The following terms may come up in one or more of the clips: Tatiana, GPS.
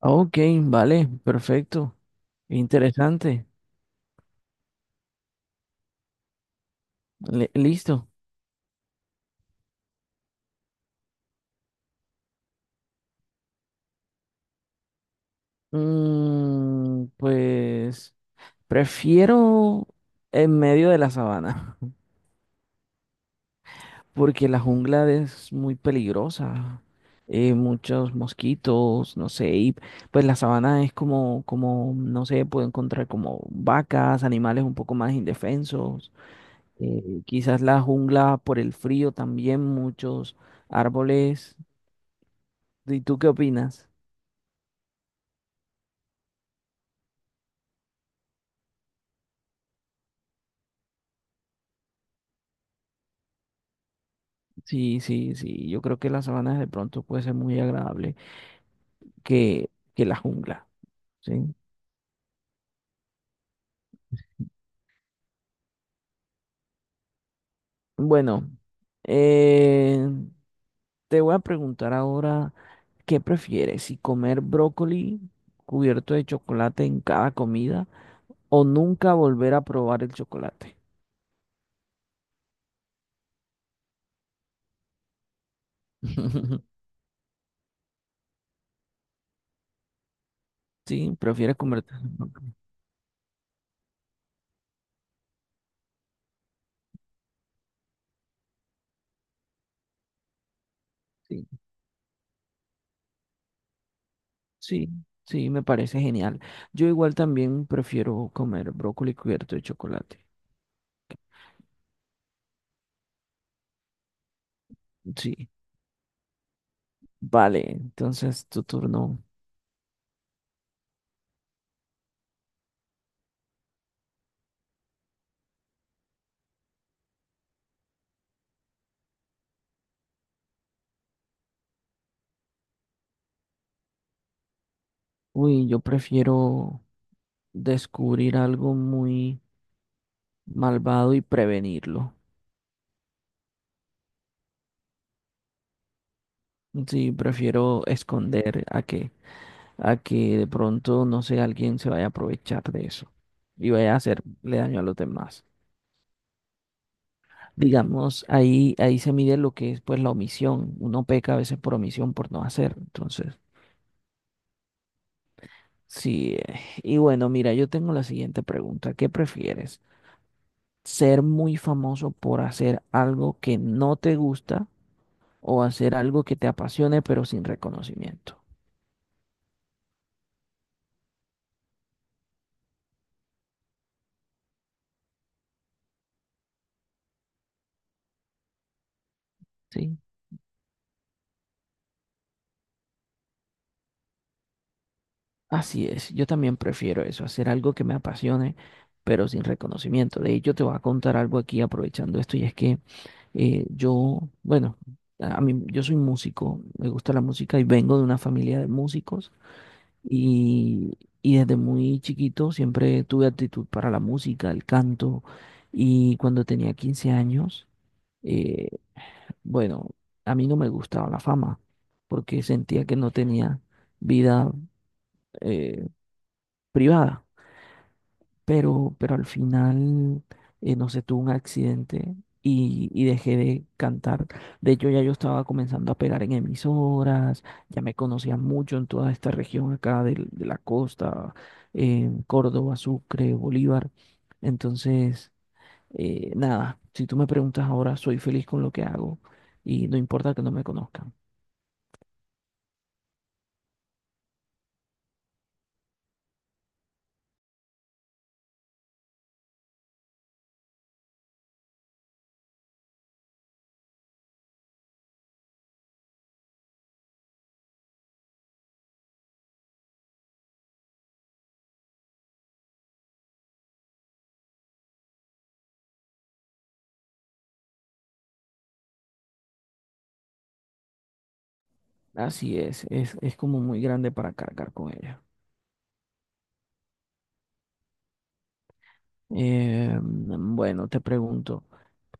Ok, vale, perfecto. Interesante. Listo. Pues prefiero en medio de la sabana, porque la jungla es muy peligrosa. Muchos mosquitos, no sé, y pues la sabana es como, no sé, puedo encontrar como vacas, animales un poco más indefensos. Quizás la jungla por el frío también, muchos árboles. ¿Y tú qué opinas? Sí, sí, sí. Yo creo que las sabanas de pronto puede ser muy agradable que, que la jungla, ¿sí? Bueno, eh, te voy a preguntar ahora, ¿qué prefieres? ¿Si comer brócoli cubierto de chocolate en cada comida o nunca volver a probar el chocolate? Sí, prefieres comer. Sí, sí, sí, me parece genial. Yo igual también prefiero comer brócoli cubierto de chocolate. Sí, vale, entonces tu turno. Uy, yo prefiero descubrir algo muy malvado y prevenirlo. Sí, prefiero esconder a que de pronto, no sé, alguien se vaya a aprovechar de eso y vaya a hacerle daño a los demás. Digamos, ahí, ahí se mide lo que es pues la omisión. Uno peca a veces por omisión, por no hacer. Entonces, sí. Y bueno, mira, yo tengo la siguiente pregunta. ¿Qué prefieres? ¿Ser muy famoso por hacer algo que no te gusta, o hacer algo que te apasione pero sin reconocimiento? ¿Sí? Así es, yo también prefiero eso, hacer algo que me apasione pero sin reconocimiento. De hecho, te voy a contar algo aquí aprovechando esto, y es que bueno, a mí yo soy músico, me gusta la música y vengo de una familia de músicos, y, y desde muy chiquito siempre tuve actitud para la música, el canto, y cuando tenía 15 años, eh, bueno, a mí no me gustaba la fama porque sentía que no tenía vida eh, privada, pero al final, no sé, tuve un accidente y dejé de cantar. De hecho, ya yo estaba comenzando a pegar en emisoras, ya me conocían mucho en toda esta región acá de la costa, en Córdoba, Sucre, Bolívar. Entonces, nada, si tú me preguntas ahora, soy feliz con lo que hago y no importa que no me conozcan. Así es como muy grande para cargar con ella. Bueno, te pregunto,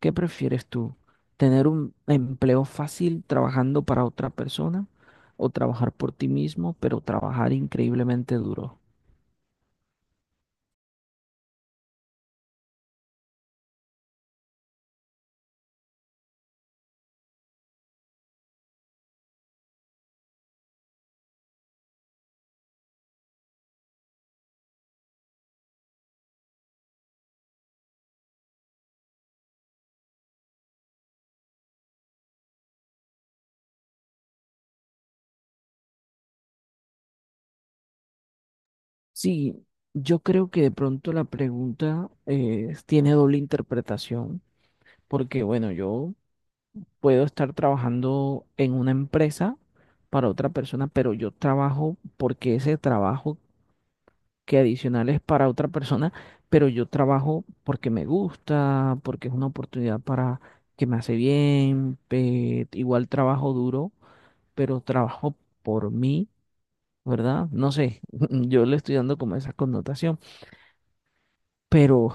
¿qué prefieres tú? ¿Tener un empleo fácil trabajando para otra persona, o trabajar por ti mismo, pero trabajar increíblemente duro? Sí, yo creo que de pronto la pregunta tiene doble interpretación, porque bueno, yo puedo estar trabajando en una empresa para otra persona, pero yo trabajo porque ese trabajo que adicionales para otra persona, pero yo trabajo porque me gusta, porque es una oportunidad para que me hace bien, igual trabajo duro, pero trabajo por mí, ¿verdad? No sé, yo le estoy dando como esa connotación, pero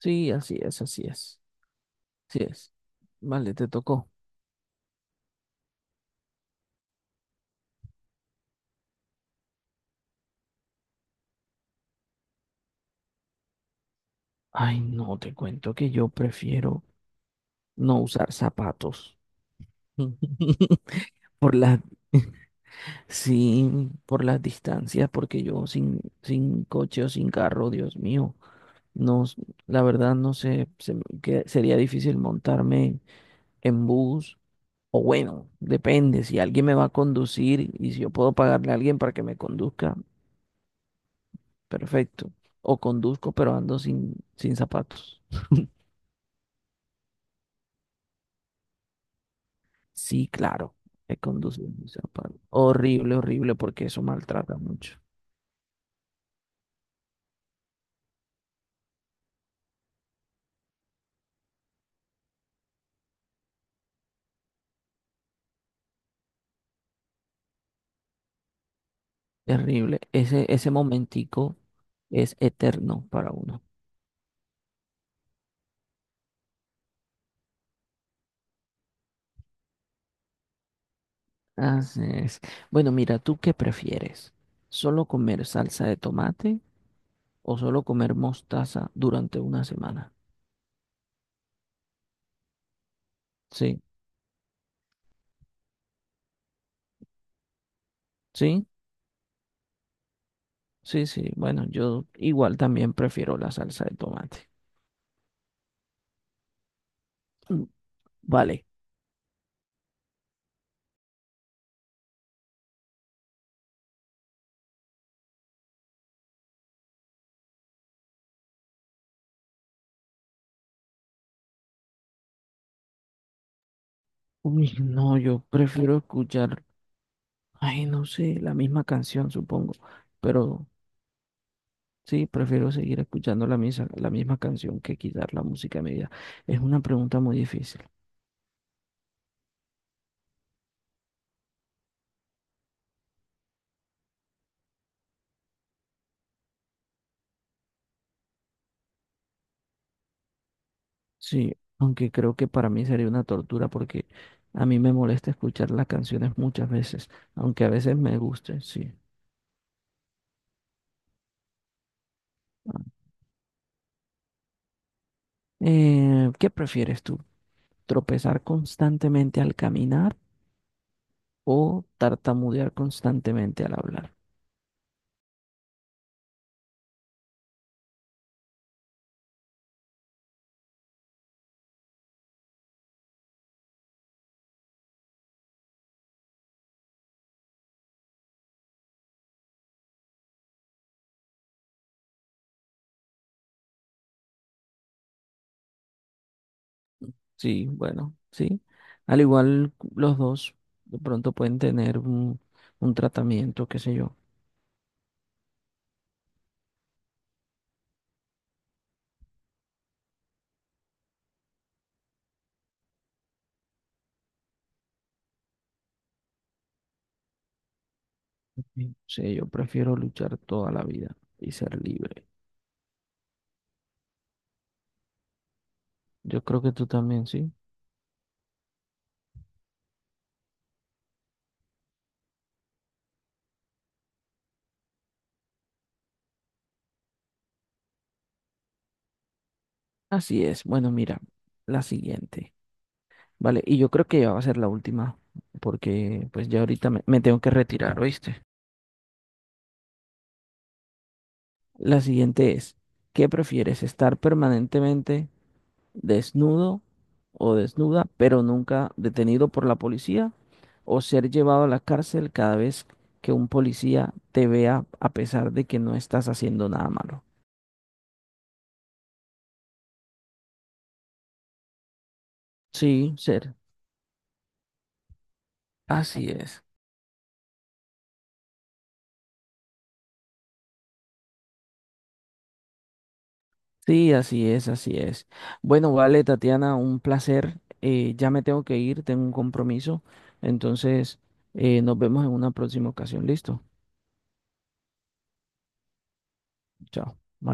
sí, así es, así es, así es. Vale, te tocó. Ay, no, te cuento que yo prefiero no usar zapatos. Por las sí, por las distancias, porque yo sin coche o sin carro, Dios mío, no, la verdad no sé, que sería difícil montarme en bus, o bueno, depende, si alguien me va a conducir y si yo puedo pagarle a alguien para que me conduzca, perfecto, o conduzco pero ando sin zapatos. Sí, claro, he conducido sin zapatos. Horrible, horrible, porque eso maltrata mucho. Terrible, ese momentico es eterno para uno. Así es. Bueno, mira, ¿tú qué prefieres? ¿Solo comer salsa de tomate, o solo comer mostaza durante una semana? Sí, sí, sí, sí. Bueno, yo igual también prefiero la salsa de tomate. Mm, vale. Uy, no, yo prefiero escuchar, ay, no sé, la misma canción, supongo. Pero sí, prefiero seguir escuchando la misa, la misma canción que quitar la música media. Es una pregunta muy difícil. Sí, aunque creo que para mí sería una tortura porque a mí me molesta escuchar las canciones muchas veces, aunque a veces me guste, sí. Ah. ¿Qué prefieres tú? ¿Tropezar constantemente al caminar, o tartamudear constantemente al hablar? Sí, bueno, sí. Al igual los dos de pronto pueden tener un tratamiento, qué sé yo. Sí, sí, yo prefiero luchar toda la vida y ser libre. Yo creo que tú también, sí. Así es. Bueno, mira, la siguiente. Vale, y yo creo que ya va a ser la última, porque pues ya ahorita me, me tengo que retirar, ¿oíste? La siguiente es, ¿qué prefieres? ¿Estar permanentemente desnudo o desnuda, pero nunca detenido por la policía? ¿O ser llevado a la cárcel cada vez que un policía te vea a pesar de que no estás haciendo nada malo? Sí, ser. Así es. Sí, así es, así es. Bueno, vale, Tatiana, un placer. Ya me tengo que ir, tengo un compromiso. Entonces, nos vemos en una próxima ocasión. Listo. Chao. Bye.